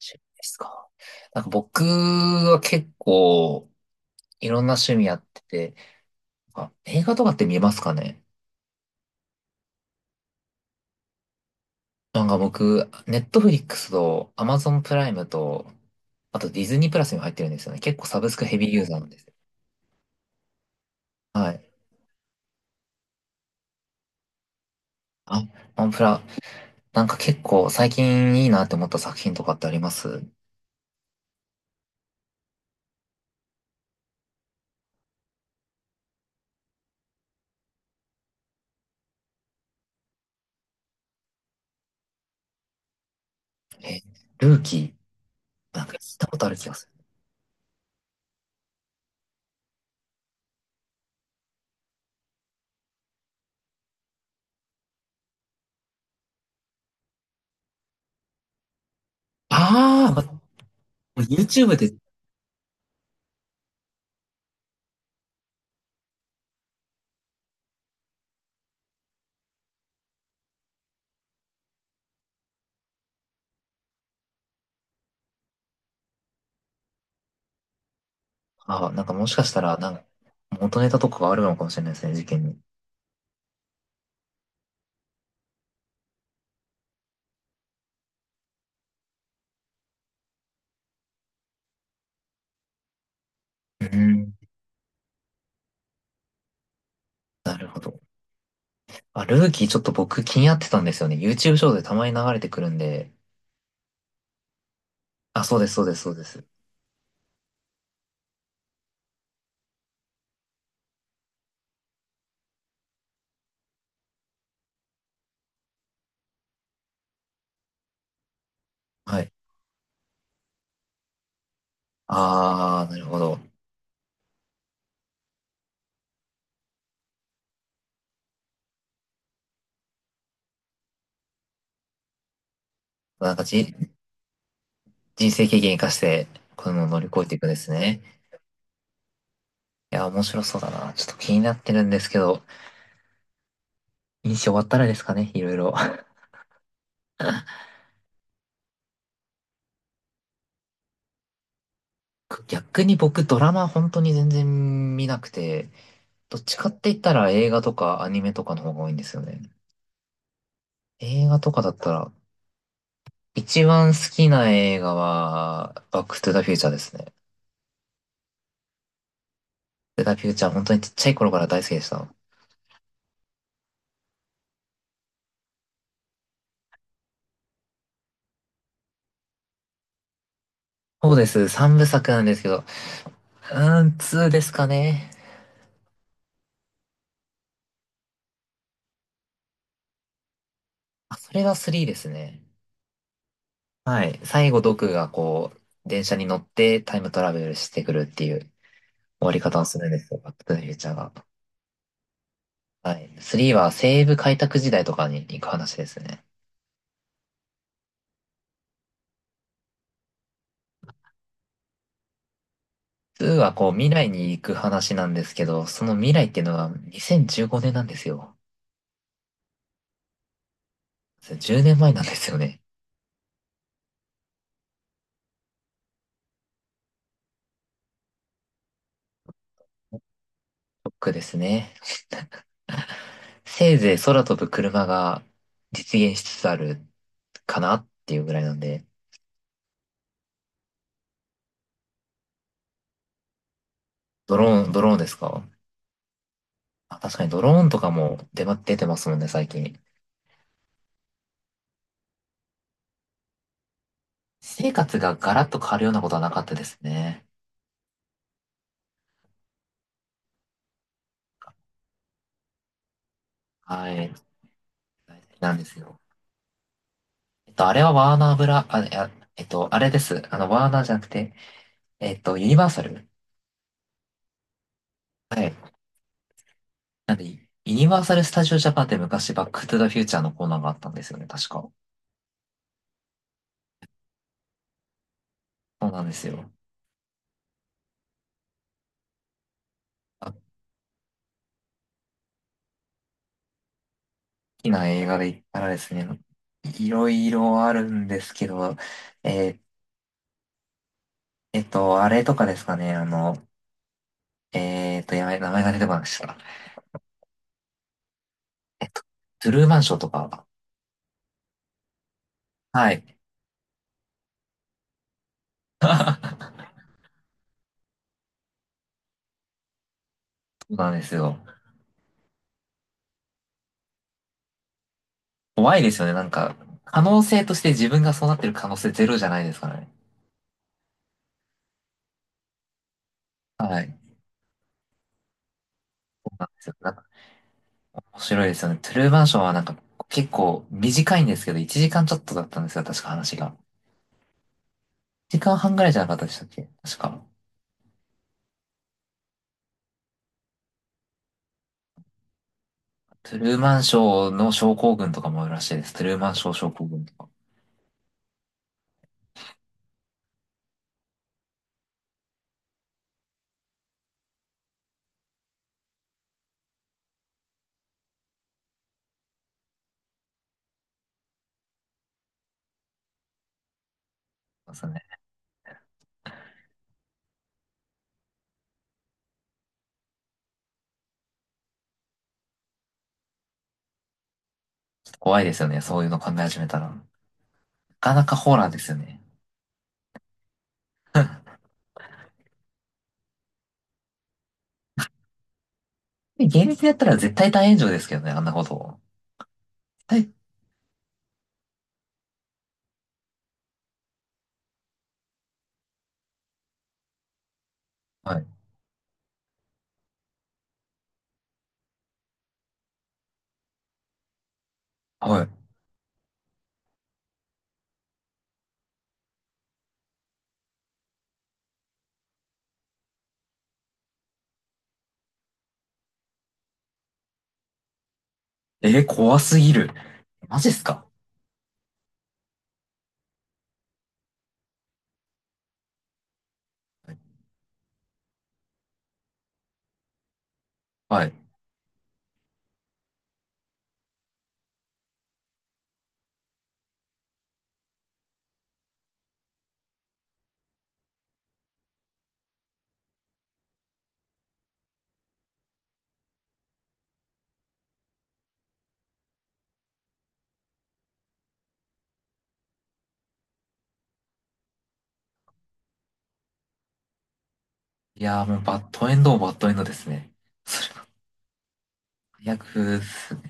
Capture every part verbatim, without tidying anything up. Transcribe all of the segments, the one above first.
趣味ですか。なんか僕は結構いろんな趣味やってて、あ、映画とかって見えますかね。なんか僕、ネットフリックスとアマゾンプライムと、あとディズニープラスにも入ってるんですよね。結構サブスクヘビーユーザーなんです。はい。あ、アンプラ、なんか結構最近いいなって思った作品とかってあります？え、ルーキー、なんか聞いたことある気がする。ああ、ま、 YouTube で、あ、なんかもしかしたら、なんか元ネタとかがあるのかもしれないですね、事件に。うん、なるほど。あ、ルーキーちょっと僕気になってたんですよね。YouTube ショートでたまに流れてくるんで。あ、そうです、そうです、そうです。はい。あー、なるほど。なんかじ、人生経験生かして、こういうのを乗り越えていくんですね。いや、面白そうだな。ちょっと気になってるんですけど、印象終わったらですかね、いろいろ。逆に僕ドラマ本当に全然見なくて、どっちかって言ったら映画とかアニメとかの方が多いんですよね。映画とかだったら、一番好きな映画は、バックトゥザフューチャーですね。セガフューチャー、本当にちっちゃい頃から大好きでした。そうです。さんぶさくなんですけど、うーん、ツーですかね。あ、それがスリーですね。はい。最後、ドクがこう、電車に乗ってタイムトラベルしてくるっていう終わり方をするんですよ、バックトゥザフューチャーが。はい。スリーは西部開拓時代とかに行く話ですね。ツーはこう、未来に行く話なんですけど、その未来っていうのはにせんじゅうごねんなんですよ。じゅうねんまえなんですよね。ドクですね。せいぜい空飛ぶ車が実現しつつあるかなっていうぐらいなんで、ドローン、ドローンですか？あ、確かにドローンとかも出ま、出てますもんね、最近。私生活がガラッと変わるようなことはなかったですね。はい。なんですよ。えっと、あれはワーナーブラ、あ、いや、えっと、あれです。あの、ワーナーじゃなくて、えっと、ユニバーサル。はい。なんで、ユニバーサル・スタジオ・ジャパンって昔、バック・トゥ・ザ・フューチャーのコーナーがあったんですよね、確か。そうなんですよ。好きな映画で言ったらですね、いろいろあるんですけど、えーえっと、あれとかですかね、あの、えーっと、やばい、名前が出てこなくした。えっと、トゥルーマンショーとか。はい。そうなんですよ。怖いですよね、なんか、可能性として自分がそうなってる可能性ゼロじゃないですからね。はい。そうなんですよ。なんか、面白いですよね。トゥルーマンションはなんか、結構短いんですけど、いちじかんちょっとだったんですよ、確か話が。時間半ぐらいじゃなかったでしたっけ、確か。トゥルーマンショーの症候群とかもあるらしいです。トゥルーマンショー症候群とか。そうね。ちょっと怖いですよね、そういうの考え始めたら。なかなかホーラーですよね。現実やったら絶対大炎上ですけどね、あんなことを。絶対。はい。はい。えー怖すぎる。マジっすか？はい。いやー、もうバッドエンドもバッドエンドですね。それは最悪ですね。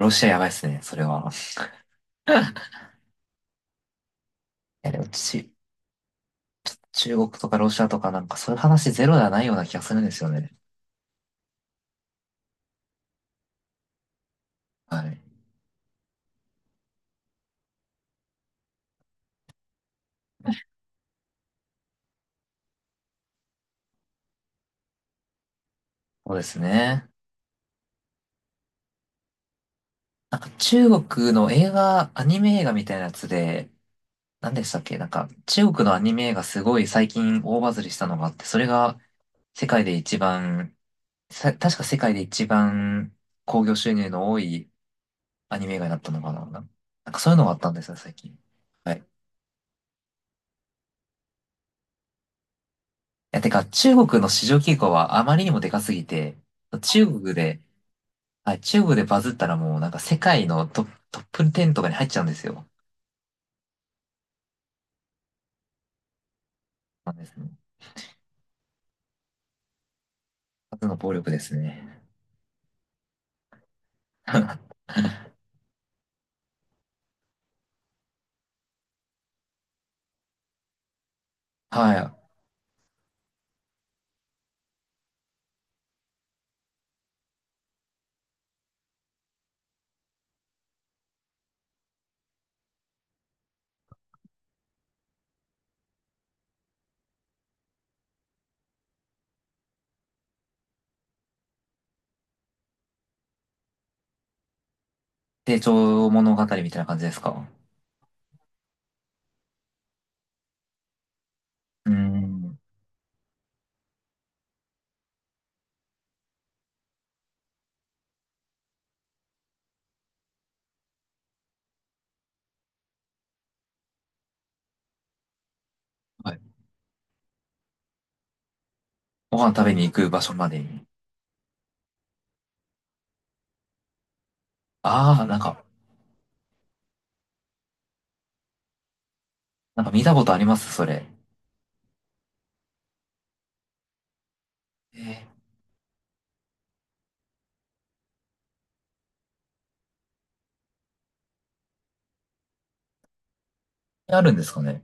ロシアやばいっすね、それは。いやでもち、中国とかロシアとかなんかそういう話ゼロではないような気がするんですよね。はい。そうですね。なんか中国の映画、アニメ映画みたいなやつで、何でしたっけ、なんか中国のアニメ映画すごい最近大バズりしたのがあって、それが世界で一番、さ確か世界で一番興行収入の多いアニメ映画になったのかな、なんかそういうのがあったんですよ、最近。はい。いや、てか中国の市場規模はあまりにもでかすぎて、中国で、はい、中国でバズったらもうなんか世界のトップ、トップテンとかに入っちゃうんですよ。なんですね。数の暴力ですね。はい。成長物語みたいな感じですか？うーん。はい。ご飯食べに行く場所までに。ああ、なんか、なんか見たことありますそれ。えー、あるんですかね？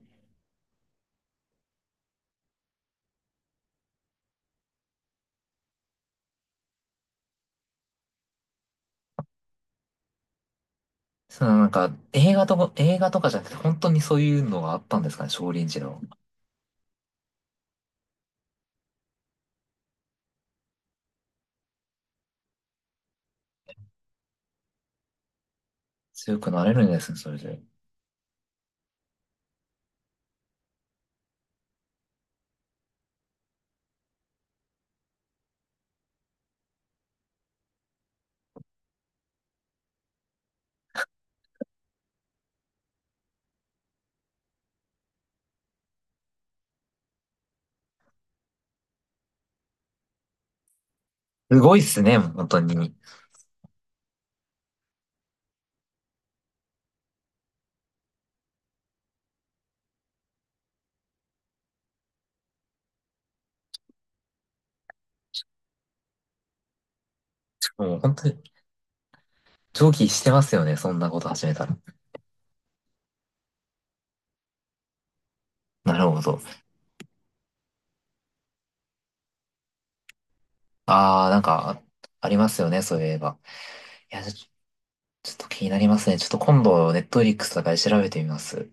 そのなんか、映画とか、映画とかじゃなくて、本当にそういうのがあったんですかね、少林寺の。強くなれるんですね、それで。すごいっすね、本当に。もう本当に、上記してますよね、そんなこと始めたら。なるほど。ああ、なんか、ありますよね、そういえば。いや、ちょちょっと気になりますね。ちょっと今度、ネットフリックスとかで調べてみます。